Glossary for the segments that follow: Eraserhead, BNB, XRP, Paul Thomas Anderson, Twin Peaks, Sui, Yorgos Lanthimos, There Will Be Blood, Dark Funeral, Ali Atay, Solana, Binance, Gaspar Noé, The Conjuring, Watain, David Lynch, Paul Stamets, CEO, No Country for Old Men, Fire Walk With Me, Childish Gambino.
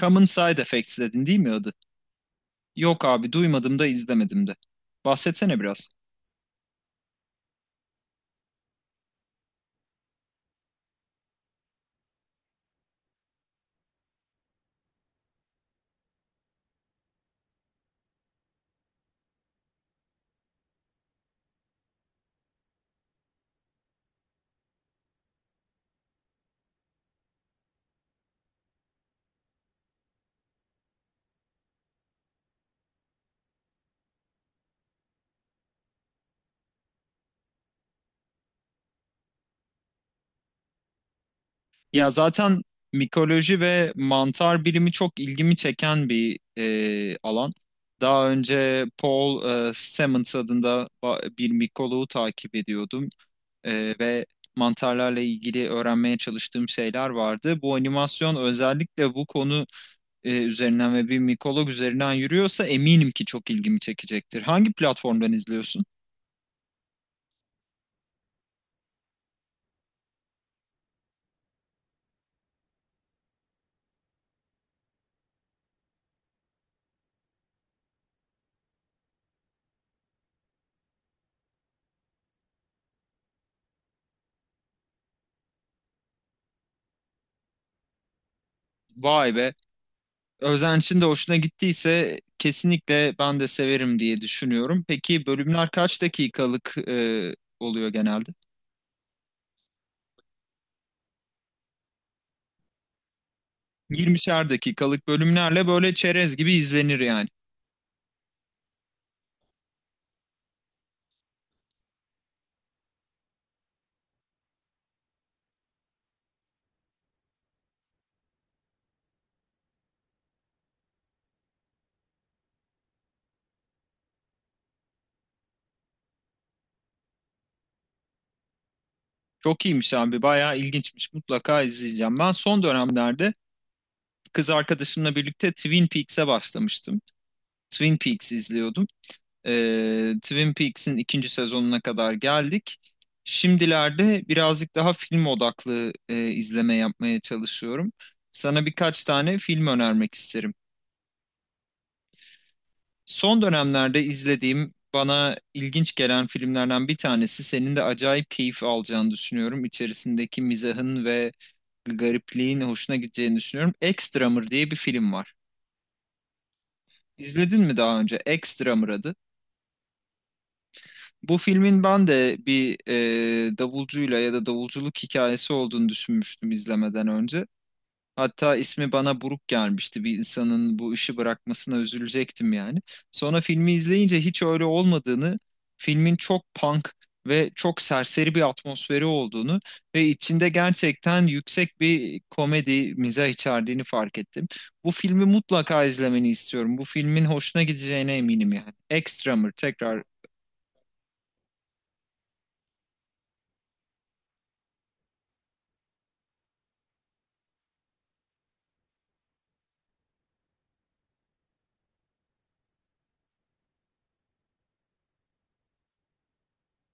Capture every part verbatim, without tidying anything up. Common Side Effects dedin değil mi adı? Yok abi duymadım da izlemedim de. Bahsetsene biraz. Ya zaten mikoloji ve mantar bilimi çok ilgimi çeken bir e, alan. Daha önce Paul e, Stamets adında ba- bir mikoloğu takip ediyordum E, ve mantarlarla ilgili öğrenmeye çalıştığım şeyler vardı. Bu animasyon özellikle bu konu e, üzerinden ve bir mikolog üzerinden yürüyorsa eminim ki çok ilgimi çekecektir. Hangi platformdan izliyorsun? Vay be, Özenç'in de hoşuna gittiyse kesinlikle ben de severim diye düşünüyorum. Peki bölümler kaç dakikalık e, oluyor genelde? yirmişer dakikalık bölümlerle böyle çerez gibi izlenir yani. Çok iyiymiş abi, bayağı ilginçmiş. Mutlaka izleyeceğim. Ben son dönemlerde kız arkadaşımla birlikte Twin Peaks'e başlamıştım. Twin Peaks izliyordum. Ee, Twin Peaks'in ikinci sezonuna kadar geldik. Şimdilerde birazcık daha film odaklı e, izleme yapmaya çalışıyorum. Sana birkaç tane film önermek isterim. Son dönemlerde izlediğim, bana ilginç gelen filmlerden bir tanesi. Senin de acayip keyif alacağını düşünüyorum. İçerisindeki mizahın ve garipliğin hoşuna gideceğini düşünüyorum. Extramır diye bir film var. İzledin mi daha önce? Extramır adı. Bu filmin ben de bir e, davulcuyla ya da davulculuk hikayesi olduğunu düşünmüştüm izlemeden önce. Hatta ismi bana buruk gelmişti. Bir insanın bu işi bırakmasına üzülecektim yani. Sonra filmi izleyince hiç öyle olmadığını, filmin çok punk ve çok serseri bir atmosferi olduğunu ve içinde gerçekten yüksek bir komedi, mizah içerdiğini fark ettim. Bu filmi mutlaka izlemeni istiyorum. Bu filmin hoşuna gideceğine eminim yani. Extremer tekrar.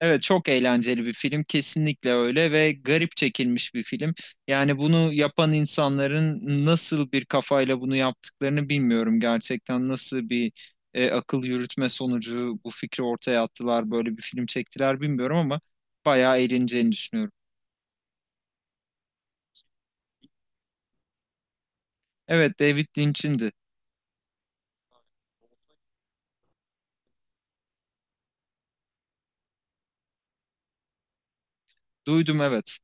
Evet, çok eğlenceli bir film, kesinlikle öyle ve garip çekilmiş bir film. Yani bunu yapan insanların nasıl bir kafayla bunu yaptıklarını bilmiyorum, gerçekten nasıl bir e, akıl yürütme sonucu bu fikri ortaya attılar, böyle bir film çektiler bilmiyorum ama bayağı eğleneceğini düşünüyorum. Evet, David Lynch'indi. Duydum, evet.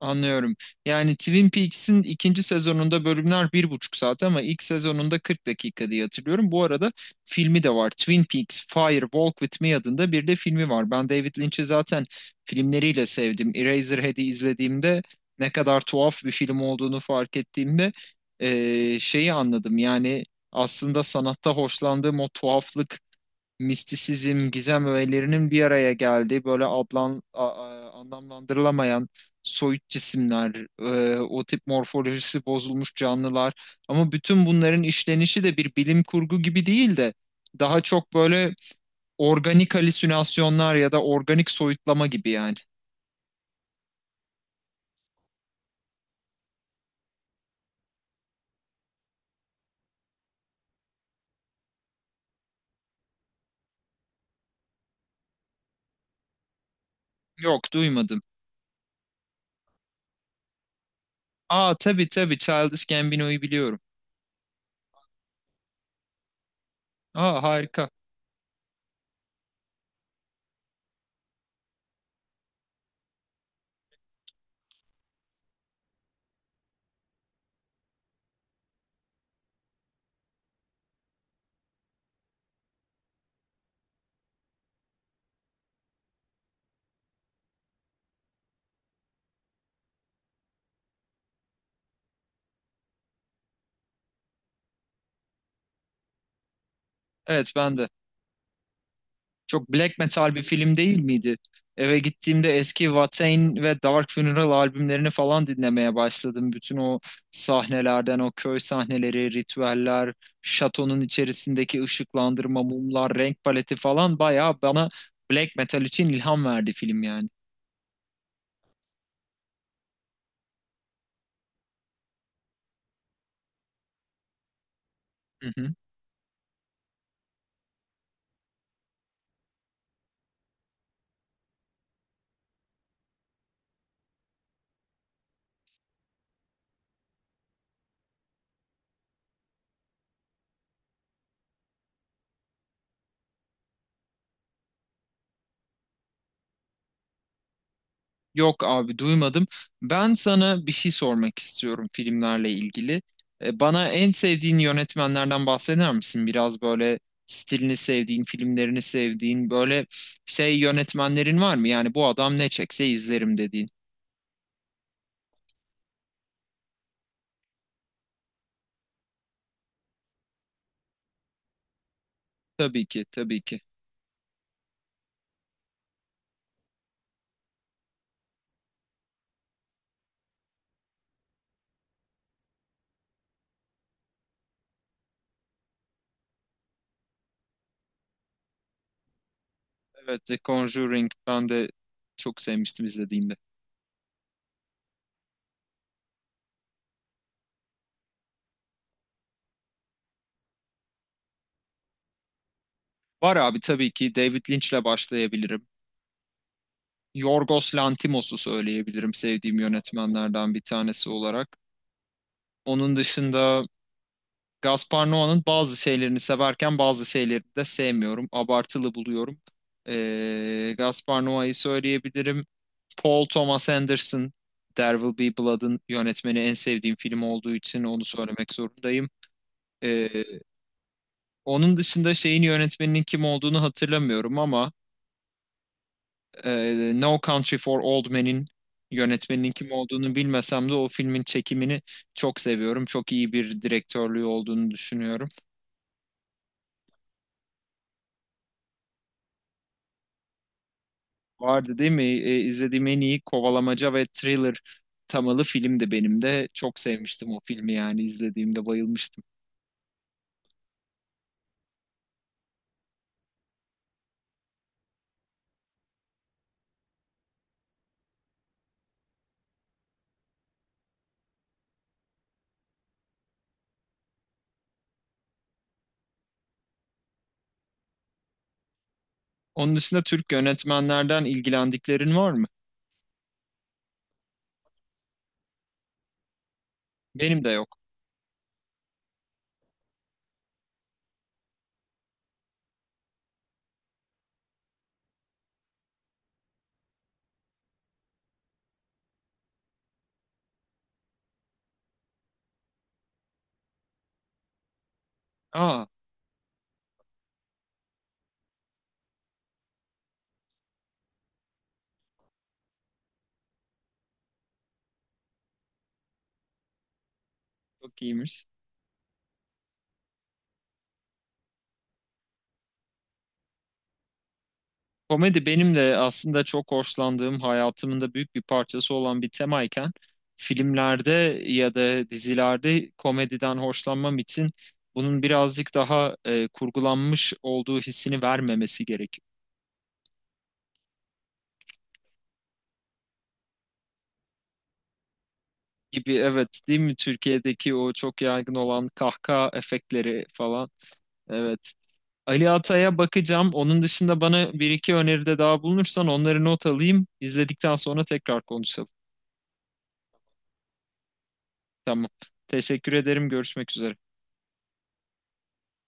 Anlıyorum. Yani Twin Peaks'in ikinci sezonunda bölümler bir buçuk saat ama ilk sezonunda kırk dakika diye hatırlıyorum. Bu arada filmi de var. Twin Peaks Fire Walk With Me adında bir de filmi var. Ben David Lynch'i zaten filmleriyle sevdim. Eraserhead'i izlediğimde ne kadar tuhaf bir film olduğunu fark ettiğimde eee, şeyi anladım. Yani aslında sanatta hoşlandığım o tuhaflık, mistisizm, gizem öğelerinin bir araya geldiği böyle ablan, a- a- anlamlandırılamayan soyut cisimler, e, o tip morfolojisi bozulmuş canlılar. Ama bütün bunların işlenişi de bir bilim kurgu gibi değil de daha çok böyle organik halüsinasyonlar ya da organik soyutlama gibi yani. Yok, duymadım. Aa, tabii tabii, Childish Gambino'yu biliyorum. Aa, harika. Evet, ben de. Çok black metal bir film değil miydi? Eve gittiğimde eski Watain ve Dark Funeral albümlerini falan dinlemeye başladım. Bütün o sahnelerden, o köy sahneleri, ritüeller, şatonun içerisindeki ışıklandırma, mumlar, renk paleti falan bayağı bana black metal için ilham verdi film yani. Hı hı. Yok abi, duymadım. Ben sana bir şey sormak istiyorum filmlerle ilgili. E, Bana en sevdiğin yönetmenlerden bahseder misin? Biraz böyle stilini sevdiğin, filmlerini sevdiğin, böyle şey yönetmenlerin var mı? Yani bu adam ne çekse izlerim dediğin. Tabii ki, tabii ki. Evet, The Conjuring ben de çok sevmiştim izlediğimde. Var abi, tabii ki David Lynch'le başlayabilirim. Yorgos Lanthimos'u söyleyebilirim sevdiğim yönetmenlerden bir tanesi olarak. Onun dışında Gaspar Noa'nın bazı şeylerini severken bazı şeylerini de sevmiyorum. Abartılı buluyorum. Ee, Gaspar Noa'yı söyleyebilirim. Paul Thomas Anderson, There Will Be Blood'ın yönetmeni en sevdiğim film olduğu için onu söylemek zorundayım. Ee, onun dışında şeyin yönetmeninin kim olduğunu hatırlamıyorum ama e, No Country for Old Men'in yönetmeninin kim olduğunu bilmesem de o filmin çekimini çok seviyorum. Çok iyi bir direktörlüğü olduğunu düşünüyorum. Vardı değil mi? E, izlediğim en iyi kovalamaca ve thriller temalı filmdi benim de. Çok sevmiştim o filmi, yani izlediğimde bayılmıştım. Onun dışında Türk yönetmenlerden ilgilendiklerin var mı? Benim de yok. Aa, çok iyiymiş. Komedi benim de aslında çok hoşlandığım, hayatımın da büyük bir parçası olan bir temayken filmlerde ya da dizilerde komediden hoşlanmam için bunun birazcık daha e, kurgulanmış olduğu hissini vermemesi gerekiyor. Gibi, evet değil mi, Türkiye'deki o çok yaygın olan kahkaha efektleri falan, evet. Ali Atay'a bakacağım, onun dışında bana bir iki öneride daha bulunursan onları not alayım, izledikten sonra tekrar konuşalım. Tamam, teşekkür ederim, görüşmek üzere.